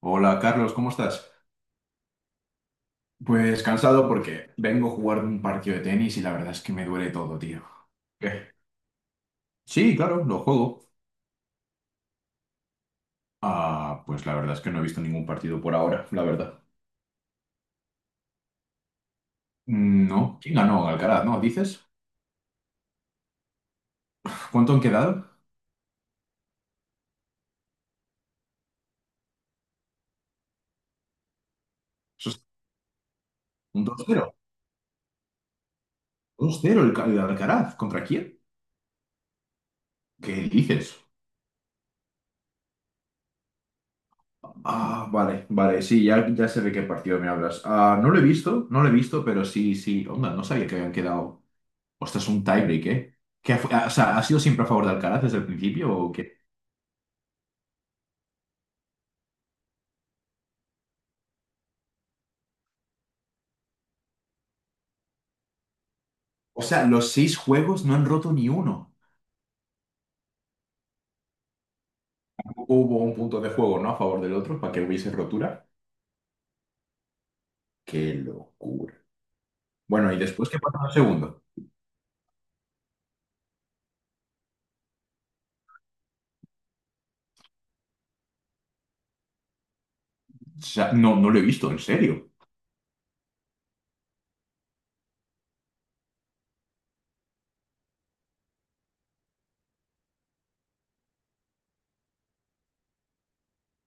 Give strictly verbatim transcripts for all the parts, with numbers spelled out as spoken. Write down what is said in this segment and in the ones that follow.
Hola Carlos, ¿cómo estás? Pues cansado porque vengo a jugar un partido de tenis y la verdad es que me duele todo, tío. ¿Qué? Sí, claro, lo juego. Ah, pues la verdad es que no he visto ningún partido por ahora, la verdad. Mm, no, ¿quién ganó? Alcaraz, ¿no? ¿Dices? ¿Cuánto han quedado? Eso es un dos cero, dos cero el, Ca- el Alcaraz. ¿Contra quién? ¿Qué dices? Ah, vale, vale, sí, ya, ya sé de qué partido me hablas. Ah, no lo he visto, no lo he visto, pero sí, sí, onda, no sabía que habían quedado. Ostras, un tiebreak, ¿eh? ¿Qué ha fu- ah, o sea, ¿ha sido siempre a favor de Alcaraz desde el principio o qué? O sea, los seis juegos no han roto ni uno. Hubo un punto de juego, ¿no? A favor del otro para que hubiese rotura. ¡Qué locura! Bueno, ¿y después qué pasa en el segundo? O sea, no, no lo he visto, en serio.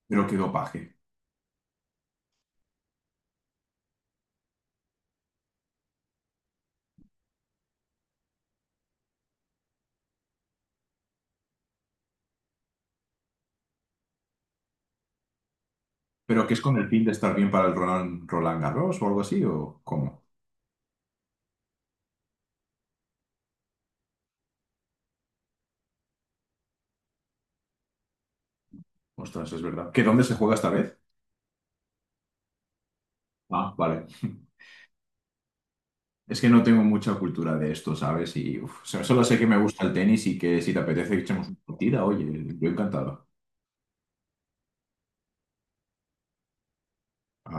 Pero qué dopaje. ¿Pero que es con el fin de estar bien para el Roland, Roland Garros o algo así? ¿O cómo? Ostras, es verdad. ¿Que dónde se juega esta vez? Ah, vale. Es que no tengo mucha cultura de esto, ¿sabes? Y uf, o sea, solo sé que me gusta el tenis y que si te apetece que echemos una partida, oye, yo encantado.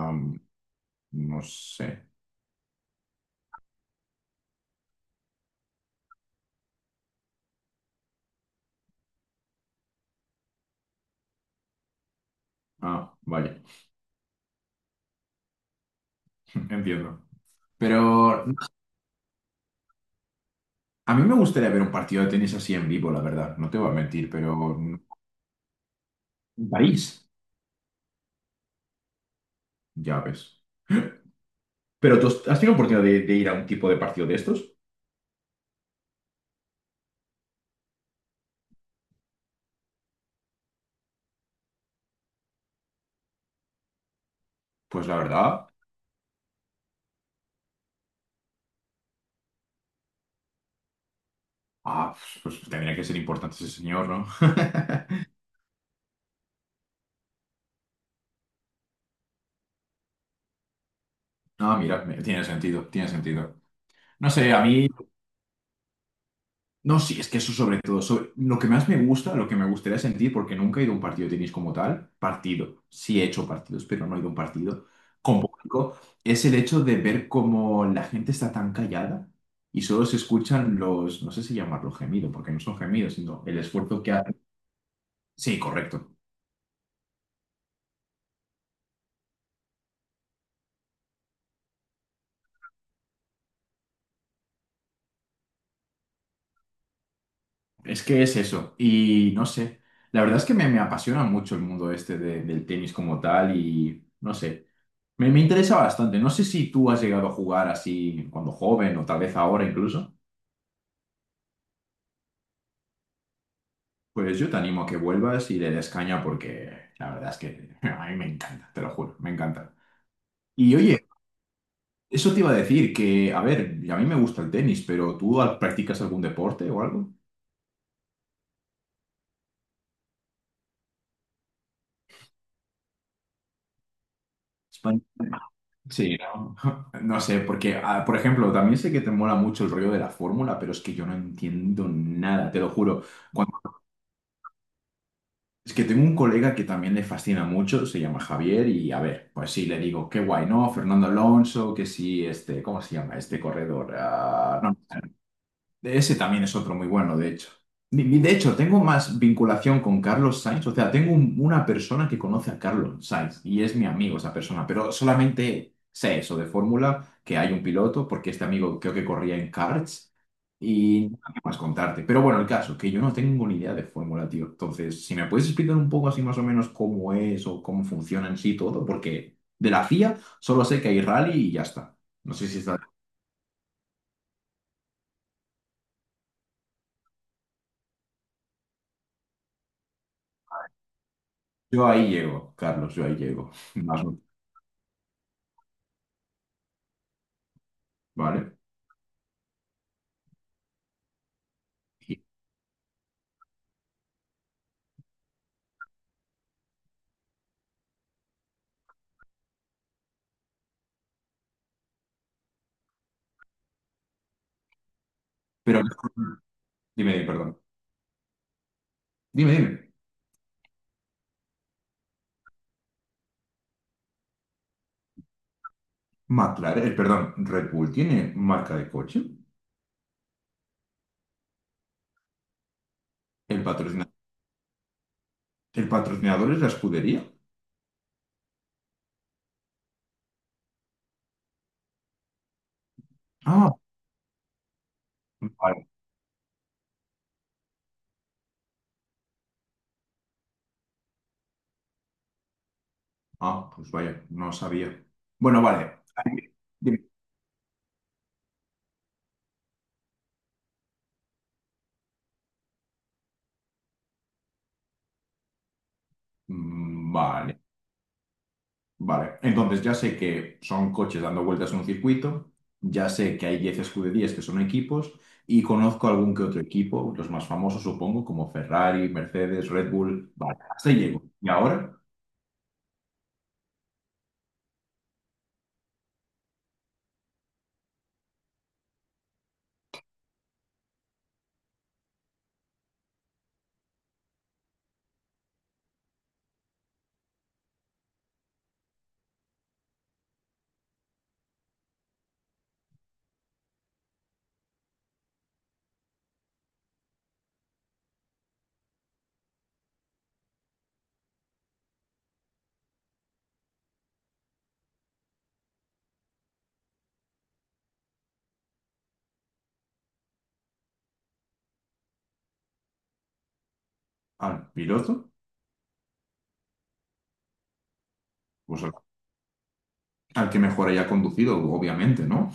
Am, no sé. Ah, vale, entiendo. Pero a mí me gustaría ver un partido de tenis así en vivo, la verdad. No te voy a mentir, pero en París, ya ves. ¿Pero tú has tenido oportunidad de, de ir a un tipo de partido de estos? Pues la verdad, ah, pues tendría que ser importante ese señor, ¿no? No, mira, me- tiene sentido, tiene sentido. No sé, a mí no, sí, es que eso sobre todo, sobre- lo que más me gusta, lo que me gustaría sentir, porque nunca he ido a un partido de tenis como tal, partido, sí he hecho partidos, pero no he ido a un partido con público, es el hecho de ver cómo la gente está tan callada y solo se escuchan los, no sé si llamarlo gemido, porque no son gemidos, sino el esfuerzo que hacen. Sí, correcto. Es que es eso. Y no sé, la verdad es que me, me apasiona mucho el mundo este de- del tenis como tal y no sé. Me, me interesa bastante. No sé si tú has llegado a jugar así cuando joven o tal vez ahora incluso. Pues yo te animo a que vuelvas y le des caña porque la verdad es que a mí me encanta, te lo juro, me encanta. Y oye, eso te iba a decir que, a ver, a mí me gusta el tenis, pero ¿tú al- practicas algún deporte o algo? España- Sí, no. No sé, porque, ah, por ejemplo, también sé que te mola mucho el rollo de la fórmula, pero es que yo no entiendo nada, te lo juro. Es que tengo un colega que también le fascina mucho, se llama Javier, y a ver, pues sí, le digo, qué guay, ¿no? Fernando Alonso, que sí, este, ¿cómo se llama este corredor? Ah, no, de Ese también es otro muy bueno, de hecho. Ni- De hecho, tengo más vinculación con Carlos Sainz, o sea, tengo un- una persona que conoce a Carlos Sainz y es mi amigo esa persona, pero solamente sé eso de fórmula, que hay un piloto, porque este amigo creo que corría en karts y nada más contarte. Pero bueno, el caso, que yo no tengo ni idea de fórmula, tío. Entonces, si me puedes explicar un poco así más o menos cómo es o cómo funciona en sí todo, porque de la FIA solo sé que hay rally y ya está. No sé si está... Yo ahí llego, Carlos, yo ahí llego. Más o ¿vale? Y- Pero, no, dime, dime, perdón. Dime, dime. McLaren, el, perdón, Red Bull tiene marca de coche. El patrocina- el patrocinador es la escudería. Ah, vale. Ah, pues vaya, no sabía. Bueno, vale. Ahí- Dime. Mm, vale, vale. Entonces ya sé que son coches dando vueltas en un circuito, ya sé que hay diez escuderías que son equipos y conozco algún que otro equipo, los más famosos supongo, como Ferrari, Mercedes, Red Bull. Vale, hasta ahí llego. ¿Y ahora? Al piloto, pues al, al que mejor haya conducido, obviamente, ¿no?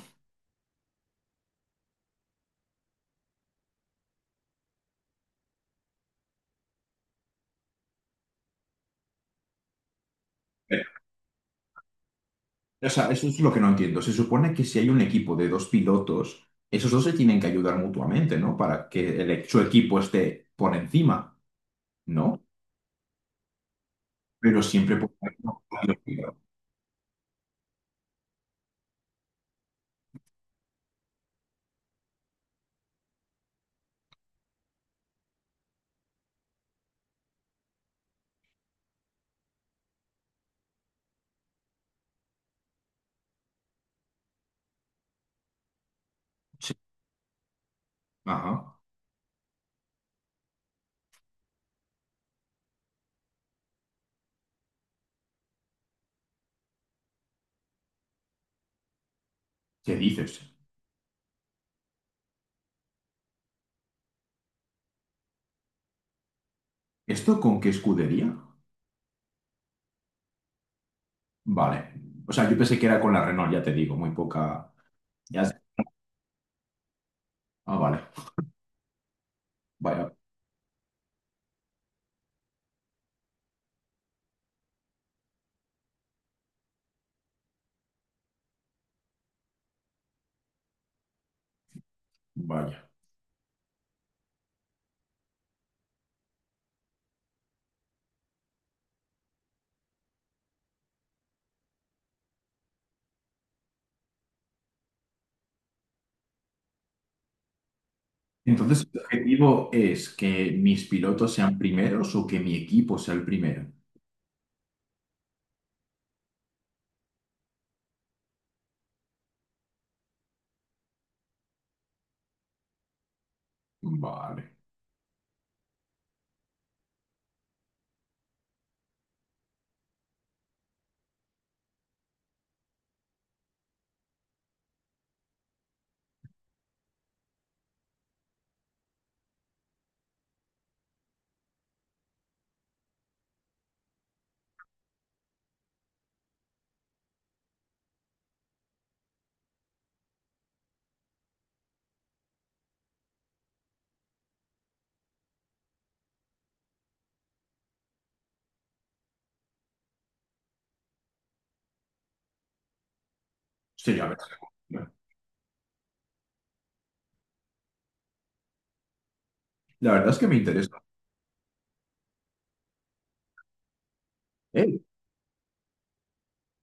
Pero, o sea, eso es lo que no entiendo. Se supone que si hay un equipo de dos pilotos, esos dos se tienen que ayudar mutuamente, ¿no? Para que el, e-, su equipo esté por encima, ¿no? Pero siempre por encima. Sí. Ajá. ¿Qué dices? ¿Esto con qué escudería? Vale. O sea, yo pensé que era con la Renault, ya te digo, muy poca. Ya... Ah, vale. Vaya, vaya. Entonces, ¿el objetivo es que mis pilotos sean primeros o que mi equipo sea el primero? Vale. Sí, a ver. La verdad es que me interesa. Eh,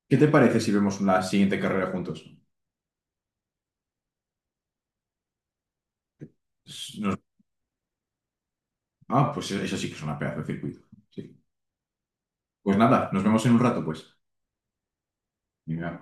¿Qué te parece si vemos la siguiente carrera juntos? S- nos- Ah, pues eso sí que es una pedazo de circuito. Sí. Pues nada, nos vemos en un rato, pues. Venga.